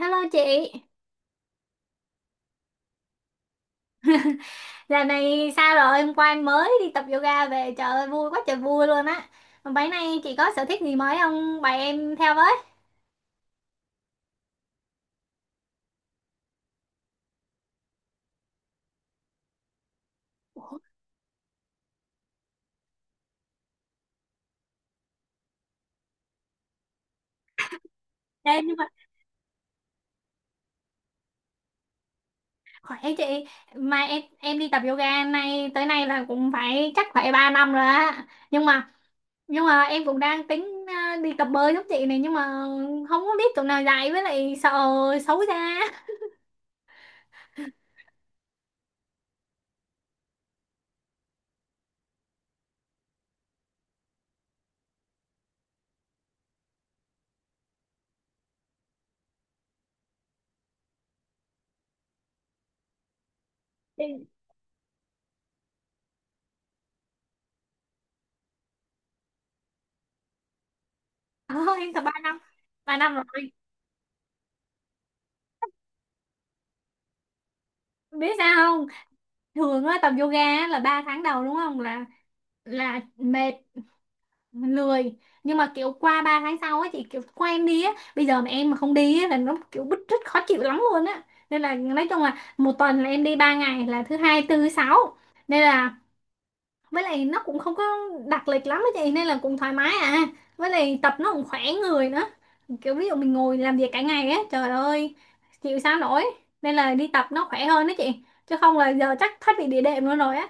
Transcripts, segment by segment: Hello chị, giờ này sao rồi? Hôm qua em mới đi tập yoga về, trời ơi vui quá trời vui luôn á. Mà Bấy nay chị có sở thích gì mới không? Bày em theo với. Ê, nhưng mà khỏe chị, mà em đi tập yoga nay tới nay là cũng phải chắc phải 3 năm rồi á. Nhưng mà em cũng đang tính đi tập bơi giống chị này, nhưng mà không có biết chỗ nào dạy, với lại sợ xấu ra. Thì, ờ, em tập 3 năm rồi. Biết sao không? Thường á, tập yoga á là 3 tháng đầu đúng không? Là mệt, lười, nhưng mà kiểu qua 3 tháng sau ấy chị kiểu quen đi á, bây giờ mà em mà không đi á là nó kiểu bứt rứt khó chịu lắm luôn á. Nên là nói chung là một tuần là em đi 3 ngày là thứ hai, tư, sáu. Nên là, với lại nó cũng không có đặc lịch lắm á chị, nên là cũng thoải mái à. Với lại tập nó cũng khỏe người nữa, kiểu ví dụ mình ngồi làm việc cả ngày á, trời ơi, chịu sao nổi. Nên là đi tập nó khỏe hơn đó chị, chứ không là giờ chắc thoát vị địa đệm luôn rồi á.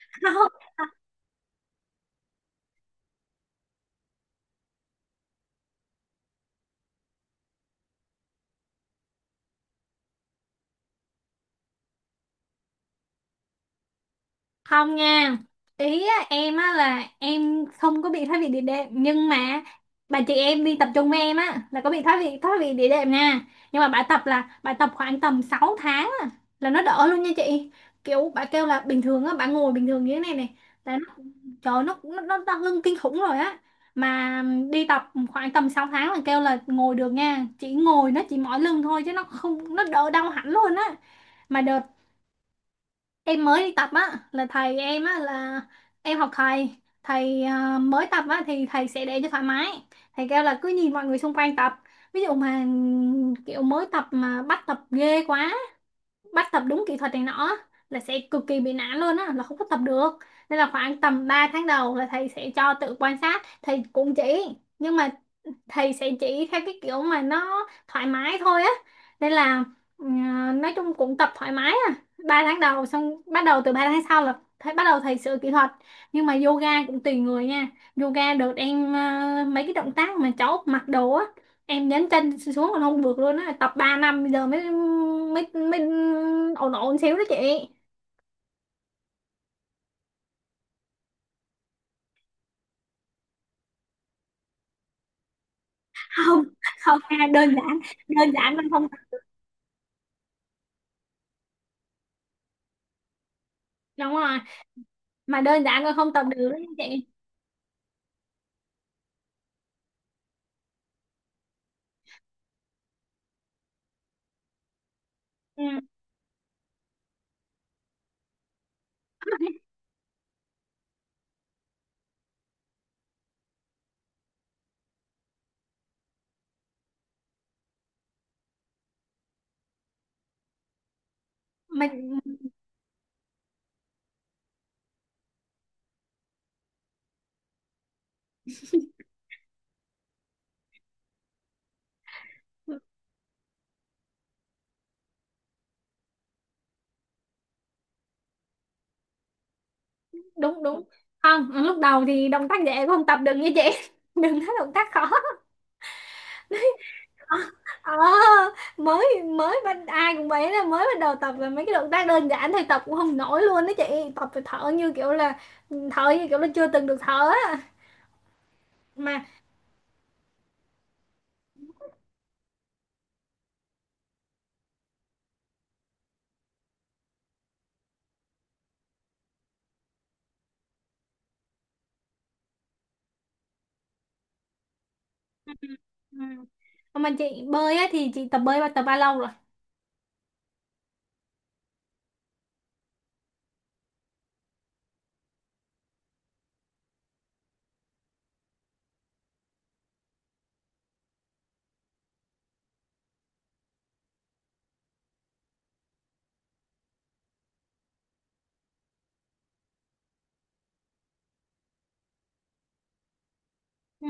Không nha, em á là em không có bị thoái vị địa đệm, nhưng mà bà chị em đi tập trung với em á là có bị thoái vị địa đệm nha. Nhưng mà bà tập là bà tập khoảng tầm 6 tháng á, là nó đỡ luôn nha chị. Kiểu bà kêu là bình thường á bà ngồi bình thường như thế này này, là nó, trời ơi, nó đau lưng kinh khủng rồi á. Mà đi tập khoảng tầm 6 tháng là kêu là ngồi được nha, chỉ ngồi nó chỉ mỏi lưng thôi chứ nó không, nó đỡ đau hẳn luôn á. Mà em mới đi tập á là thầy em á là em học thầy, mới tập á thì thầy sẽ để cho thoải mái. Thầy kêu là cứ nhìn mọi người xung quanh tập, ví dụ mà kiểu mới tập mà bắt tập ghê quá, bắt tập đúng kỹ thuật này nọ, là sẽ cực kỳ bị nản luôn á, là không có tập được. Nên là khoảng tầm 3 tháng đầu là thầy sẽ cho tự quan sát, thầy cũng chỉ, nhưng mà thầy sẽ chỉ theo cái kiểu mà nó thoải mái thôi á. Nên là, ừ, nói chung cũng tập thoải mái à. Ba tháng đầu xong bắt đầu từ ba tháng sau là thầy bắt đầu thầy sửa kỹ thuật. Nhưng mà yoga cũng tùy người nha. Yoga được em, mấy cái động tác mà cháu mặc đồ á, em nhấn chân xuống còn không được luôn á, tập 3 năm bây giờ mới mới mới ổn, ổn xíu đó chị. Không không nha, đơn giản, đơn giản mà không tập. Đúng rồi, mà đơn giản mà không tập được đó chị. Ừ, mà đúng đúng. Không, lúc đầu thì động tác dễ cũng không tập được nha chị. Đừng nói động tác khó. Ờ mới mới bắt, ai cũng vậy, là mới bắt đầu tập là mấy cái động tác đơn giản thôi tập cũng không nổi luôn đó chị. Tập phải thở như kiểu là, thở như kiểu là chưa từng được thở á. Mà Ừ, ừ. Còn Mà chị bơi á thì chị tập bơi và tập bao lâu rồi? Ừ,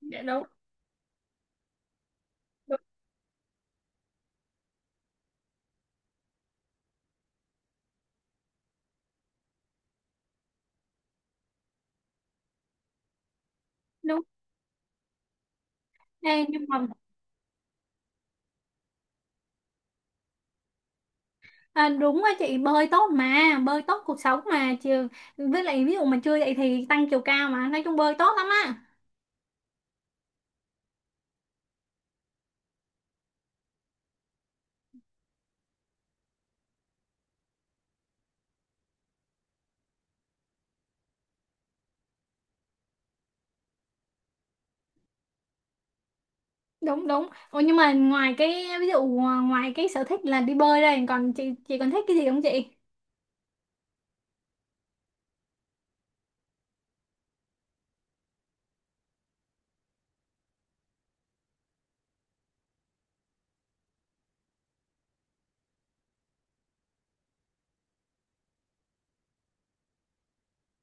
dạ đúng đúng đúng. Ê, nhưng mà đúng á chị, bơi tốt mà, bơi tốt cuộc sống mà chị, với lại ví dụ mà chưa dậy thì tăng chiều cao, mà nói chung bơi tốt lắm á. Đúng đúng. Ủa, nhưng mà ngoài cái ví dụ ngoài cái sở thích là đi bơi đây, còn chị còn thích cái gì không chị?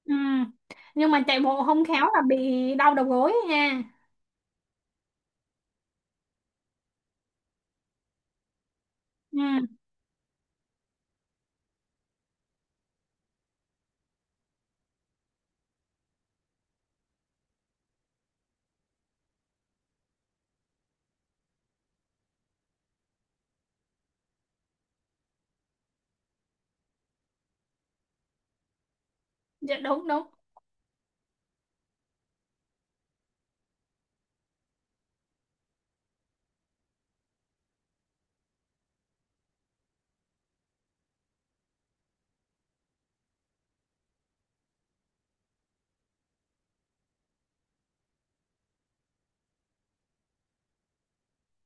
Ừ. Nhưng mà chạy bộ không khéo là bị đau đầu gối nha. Ừ. Dạ đúng đúng.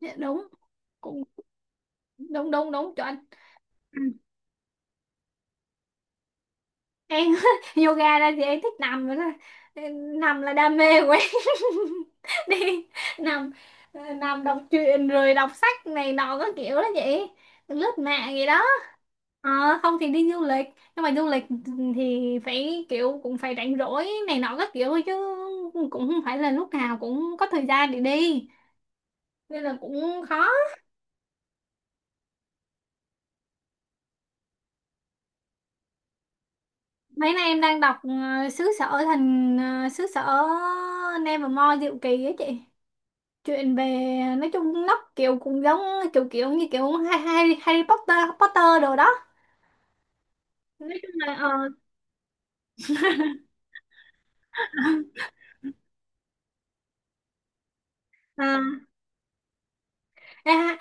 Dạ đúng. Cũng, đúng đúng đúng chuẩn. Em yoga ra thì em thích nằm rồi đó. Em- nằm là đam mê của em. Đi nằm, nằm đọc truyện rồi đọc sách này nọ các kiểu đó vậy, lướt mạng gì đó. Ờ, không thì đi du lịch, nhưng mà du lịch thì phải kiểu cũng phải rảnh rỗi này nọ các kiểu thôi chứ, cũng không phải là lúc nào cũng có thời gian để đi, nên là cũng khó. Mấy nay em đang đọc, xứ sở thần, xứ sở Nevermore diệu kỳ á chị. Chuyện về, nói chung nó kiểu cũng giống, kiểu kiểu như kiểu Harry, Harry Potter Potter đồ đó. Nói chung là ờ. à, à,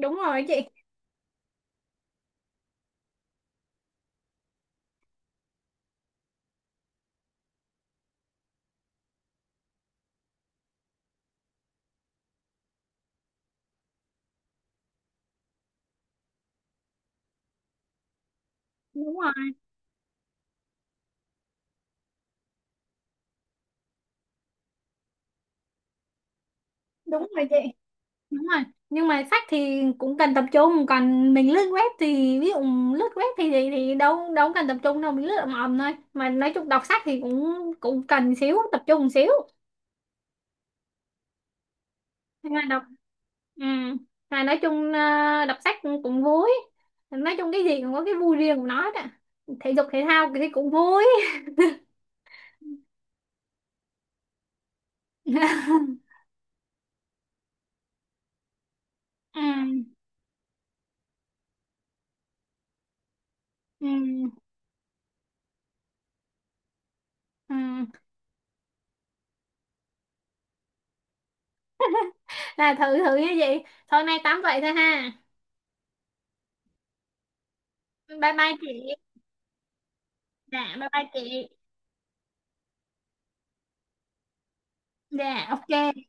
Đúng rồi chị. Đúng rồi. Đúng rồi chị. Đúng rồi. Nhưng mà sách thì cũng cần tập trung, còn mình lướt web thì ví dụ, lướt web thì thì đâu, đâu cần tập trung đâu, mình lướt ầm ầm thôi mà. Nói chung đọc sách thì cũng, cũng cần xíu tập trung xíu. Hay là đọc, ừ. Hay nói chung đọc sách cũng, cũng vui. Nói chung cái gì cũng có cái vui riêng của nó đó, thể dục thể thao thì cũng vui. Ừ. Ừ. Ừ. Là thử thử như vậy thôi, nay tám vậy thôi ha. Bye bye chị. Dạ bye bye chị. Dạ ok.